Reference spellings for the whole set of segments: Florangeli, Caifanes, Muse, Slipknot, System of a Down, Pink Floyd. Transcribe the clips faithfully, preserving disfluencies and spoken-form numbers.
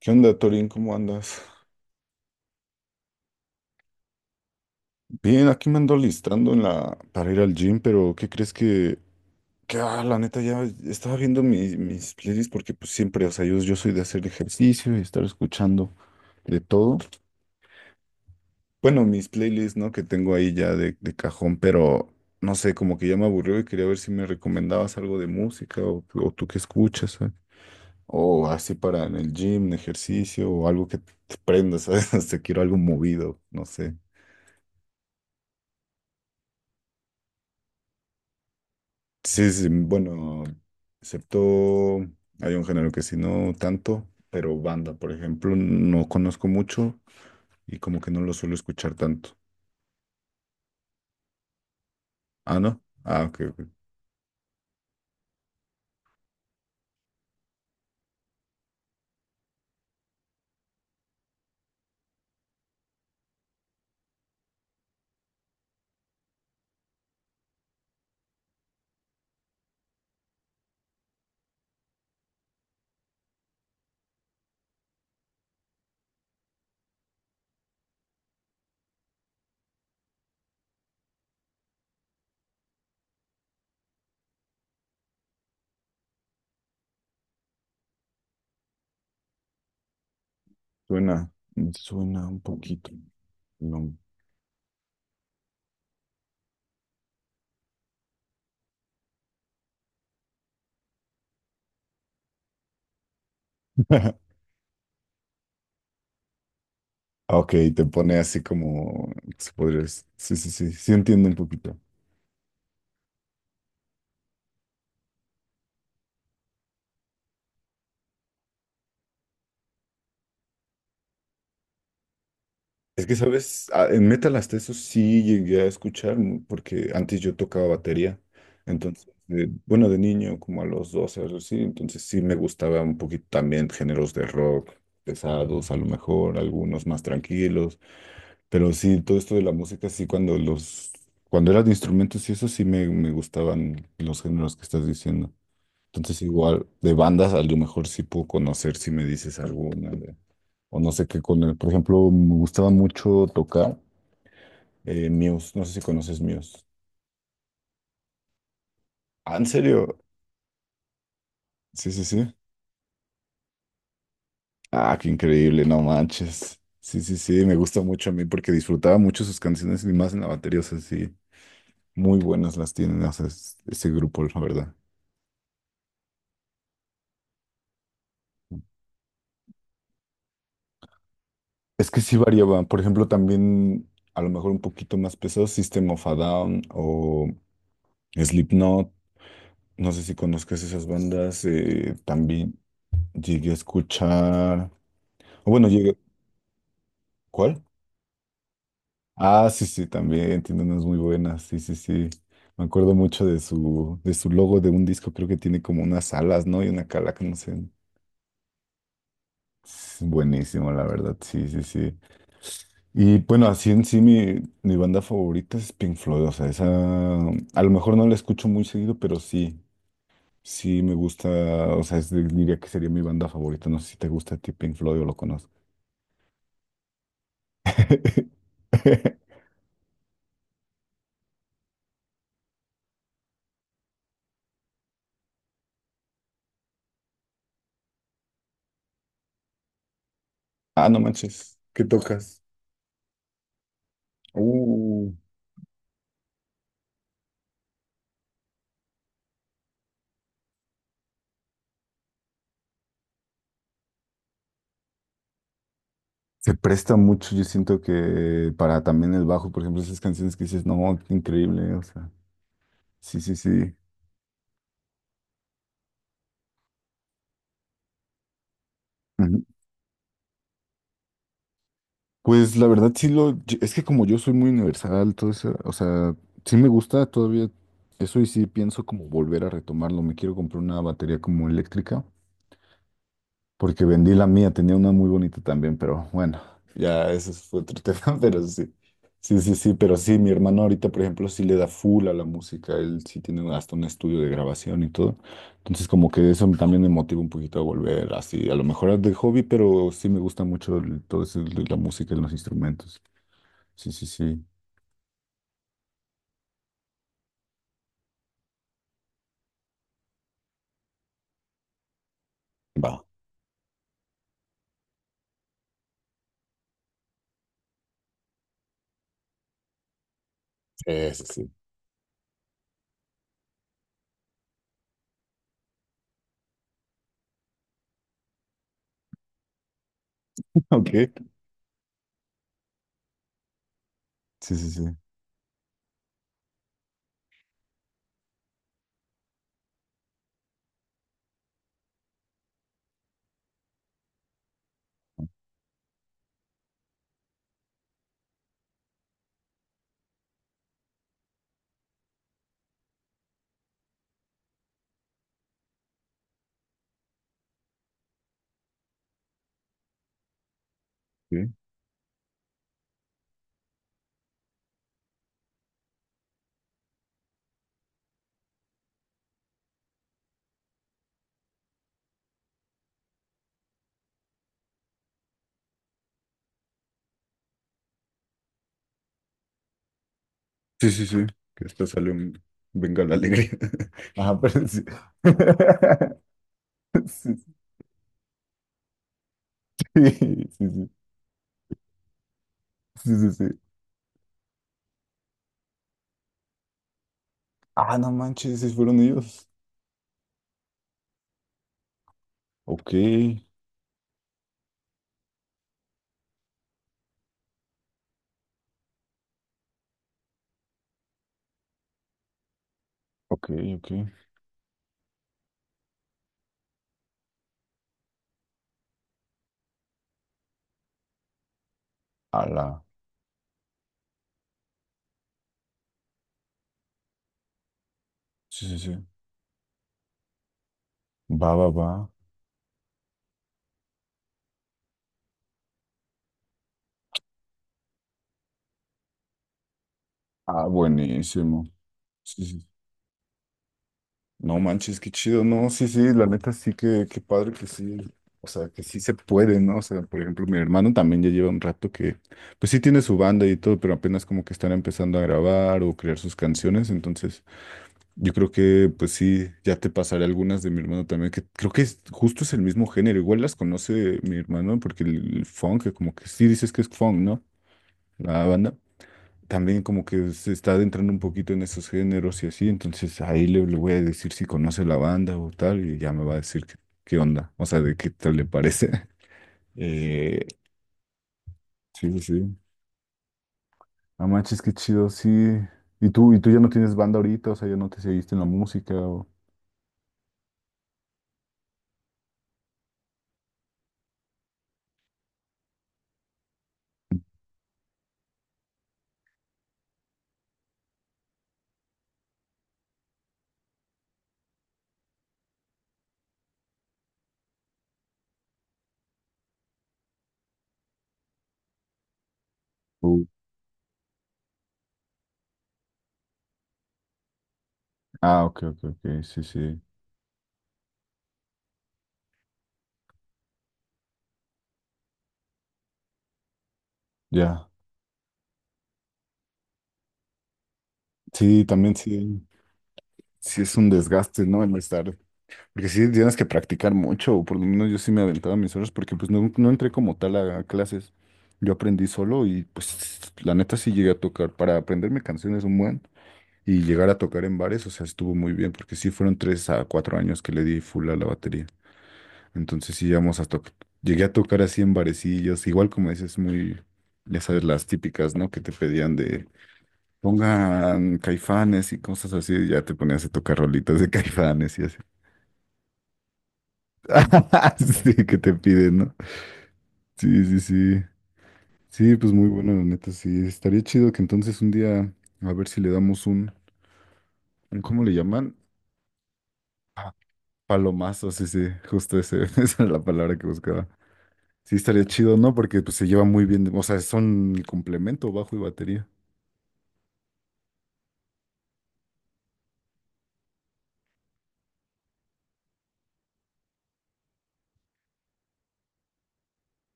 ¿Qué onda, Torín? ¿Cómo andas? Bien, aquí me ando alistando en la... para ir al gym, pero ¿qué crees que... que ah, la neta ya estaba viendo mis, mis playlists porque pues siempre, o sea, yo, yo soy de hacer ejercicio y estar escuchando de todo. Bueno, mis playlists, ¿no? Que tengo ahí ya de, de cajón, pero no sé, como que ya me aburrió y quería ver si me recomendabas algo de música o, o tú qué escuchas, ¿sabes? O así para en el gym, en ejercicio o algo que te prenda, ¿sabes? Te quiero algo movido, no sé. Sí, sí, bueno, excepto hay un género que sí, no tanto, pero banda, por ejemplo, no conozco mucho y como que no lo suelo escuchar tanto. Ah, ¿no? Ah, ok, ok. Suena, suena un poquito. No. Ok, te pone así como, si podrías, sí, sí, sí, sí entiendo un poquito. Es que, ¿sabes? Ah, en metal hasta eso sí llegué a escuchar, mm, porque antes yo tocaba batería. Entonces, de- bueno, de niño, como a los doce, algo así. Entonces sí me gustaba un poquito también géneros de rock pesados, a lo mejor, algunos más tranquilos. Pero sí, todo esto de la música, sí, cuando los, cuando eran instrumentos y eso sí me, me gustaban los géneros que estás diciendo. Entonces, igual, de bandas, a lo mejor sí puedo conocer si me dices alguna o no sé qué con él. Por ejemplo, me gustaba mucho tocar eh, Muse, no sé si conoces Muse. Ah, ¿en serio? Sí, sí, sí. Ah, qué increíble, no manches. Sí, sí, sí, me gusta mucho a mí porque disfrutaba mucho sus canciones y más en la batería, o sea, sí, muy buenas las tienen, o sea, es- ese grupo, la verdad. Es que sí variaba, por ejemplo, también a lo mejor un poquito más pesado, System of a Down o Slipknot, no sé si conozcas esas bandas, eh, también llegué a escuchar, o bueno, llegué, ¿cuál? Ah, sí, sí, también tiene unas muy buenas. Sí, sí, sí. Me acuerdo mucho de su, de su logo de un disco, creo que tiene como unas alas, ¿no? Y una calaca, no sé. Es buenísimo, la verdad. Sí, sí, sí. Y bueno, así en sí mi, mi banda favorita es Pink Floyd. O sea, esa a lo mejor no la escucho muy seguido, pero sí, sí me gusta. O sea, es de- diría que sería mi banda favorita. No sé si te gusta a ti Pink Floyd o lo conoces. Ah, no manches. ¿Qué tocas? Uh. Se presta mucho, yo siento que para también el bajo, por ejemplo, esas canciones que dices, no, qué increíble, o sea, sí, sí, sí. Ujú. Pues la verdad sí lo, yo- es que como yo soy muy universal, todo eso, o sea, sí me gusta todavía eso y sí pienso como volver a retomarlo, me quiero comprar una batería como eléctrica porque vendí la mía, tenía una muy bonita también, pero bueno, ya ese fue otro tema, pero sí. Sí, sí, sí, pero sí, mi hermano ahorita, por ejemplo, sí le da full a la música, él sí tiene hasta un estudio de grabación y todo. Entonces, como que eso también me motiva un poquito a volver así, a lo mejor de hobby, pero sí me gusta mucho el- todo eso de la música y los instrumentos. Sí, sí, sí. Va, eso sí. Ok. Sí, sí, sí. Sí, sí, sí. sí, que esto sale un... Venga la alegría. Ajá, pero sí. Sí, sí, sí, sí, sí, sí. Ah, no manches, sí fueron ellos. Ok, ok, ok. Ala. Sí, sí, sí. Va, va, va. Ah, buenísimo. Sí, sí. No manches, qué chido. No, sí, sí, la neta sí que, qué padre que sí. O sea, que sí se puede, ¿no? O sea, por ejemplo, mi hermano también ya lleva un rato que, pues sí tiene su banda y todo, pero apenas como que están empezando a grabar o crear sus canciones, entonces. Yo creo que, pues sí, ya te pasaré algunas de mi hermano también, que creo que es- justo es el mismo género. Igual las conoce mi hermano, porque el, el funk, que como que sí dices que es funk, ¿no? La banda. También como que se está adentrando un poquito en esos géneros y así. Entonces ahí le, le voy a decir si conoce la banda o tal, y ya me va a decir qué, qué onda, o sea, de qué tal le parece. Eh, sí, sí, sí. Ah, manches, qué chido, sí. ¿Y tú, y tú ya no tienes banda ahorita? O sea, ya no te seguiste en la música o... o- Ah, ok, ok, ok, sí, sí. Ya, sí, también sí, sí es un desgaste, ¿no? El estar, porque sí tienes que practicar mucho, o por lo menos yo sí me aventaba mis horas, porque pues no, no entré como tal a, a clases, yo aprendí solo y pues la neta sí llegué a tocar, para aprenderme canciones un buen y llegar a tocar en bares, o sea, estuvo muy bien, porque sí fueron tres a cuatro años que le di full a la batería, entonces sí llegamos a tocar, llegué a tocar así en barecillos, igual como dices, muy, ya sabes, las típicas, ¿no? Que te pedían de pongan Caifanes y cosas así, y ya te ponías a tocar rolitas de Caifanes y así. Sí, que te piden, ¿no? Sí, sí, sí. Sí, pues muy bueno, la neta, sí. Estaría chido que entonces un día, a ver si le damos un, un ¿cómo le llaman? Palomazo, sí, sí, justo ese, esa era la palabra que buscaba. Sí, estaría chido, ¿no? Porque pues se lleva muy bien, o sea, son el complemento, bajo y batería.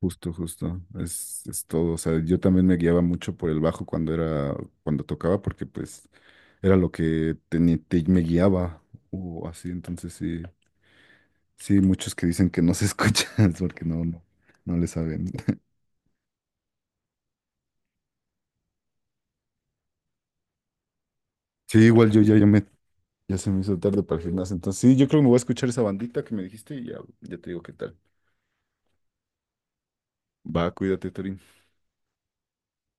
Justo, justo, es, es todo. O sea, yo también me guiaba mucho por el bajo cuando era, cuando tocaba, porque pues era lo que teni- te- me guiaba o así. Entonces sí, sí, muchos que dicen que no se escuchan porque no, no, no le saben. Sí, igual yo ya, ya me, ya se me hizo tarde para el gimnasio. Entonces sí, yo creo que me voy a escuchar esa bandita que me dijiste y ya, ya te digo qué tal. Va, cuídate, Torín.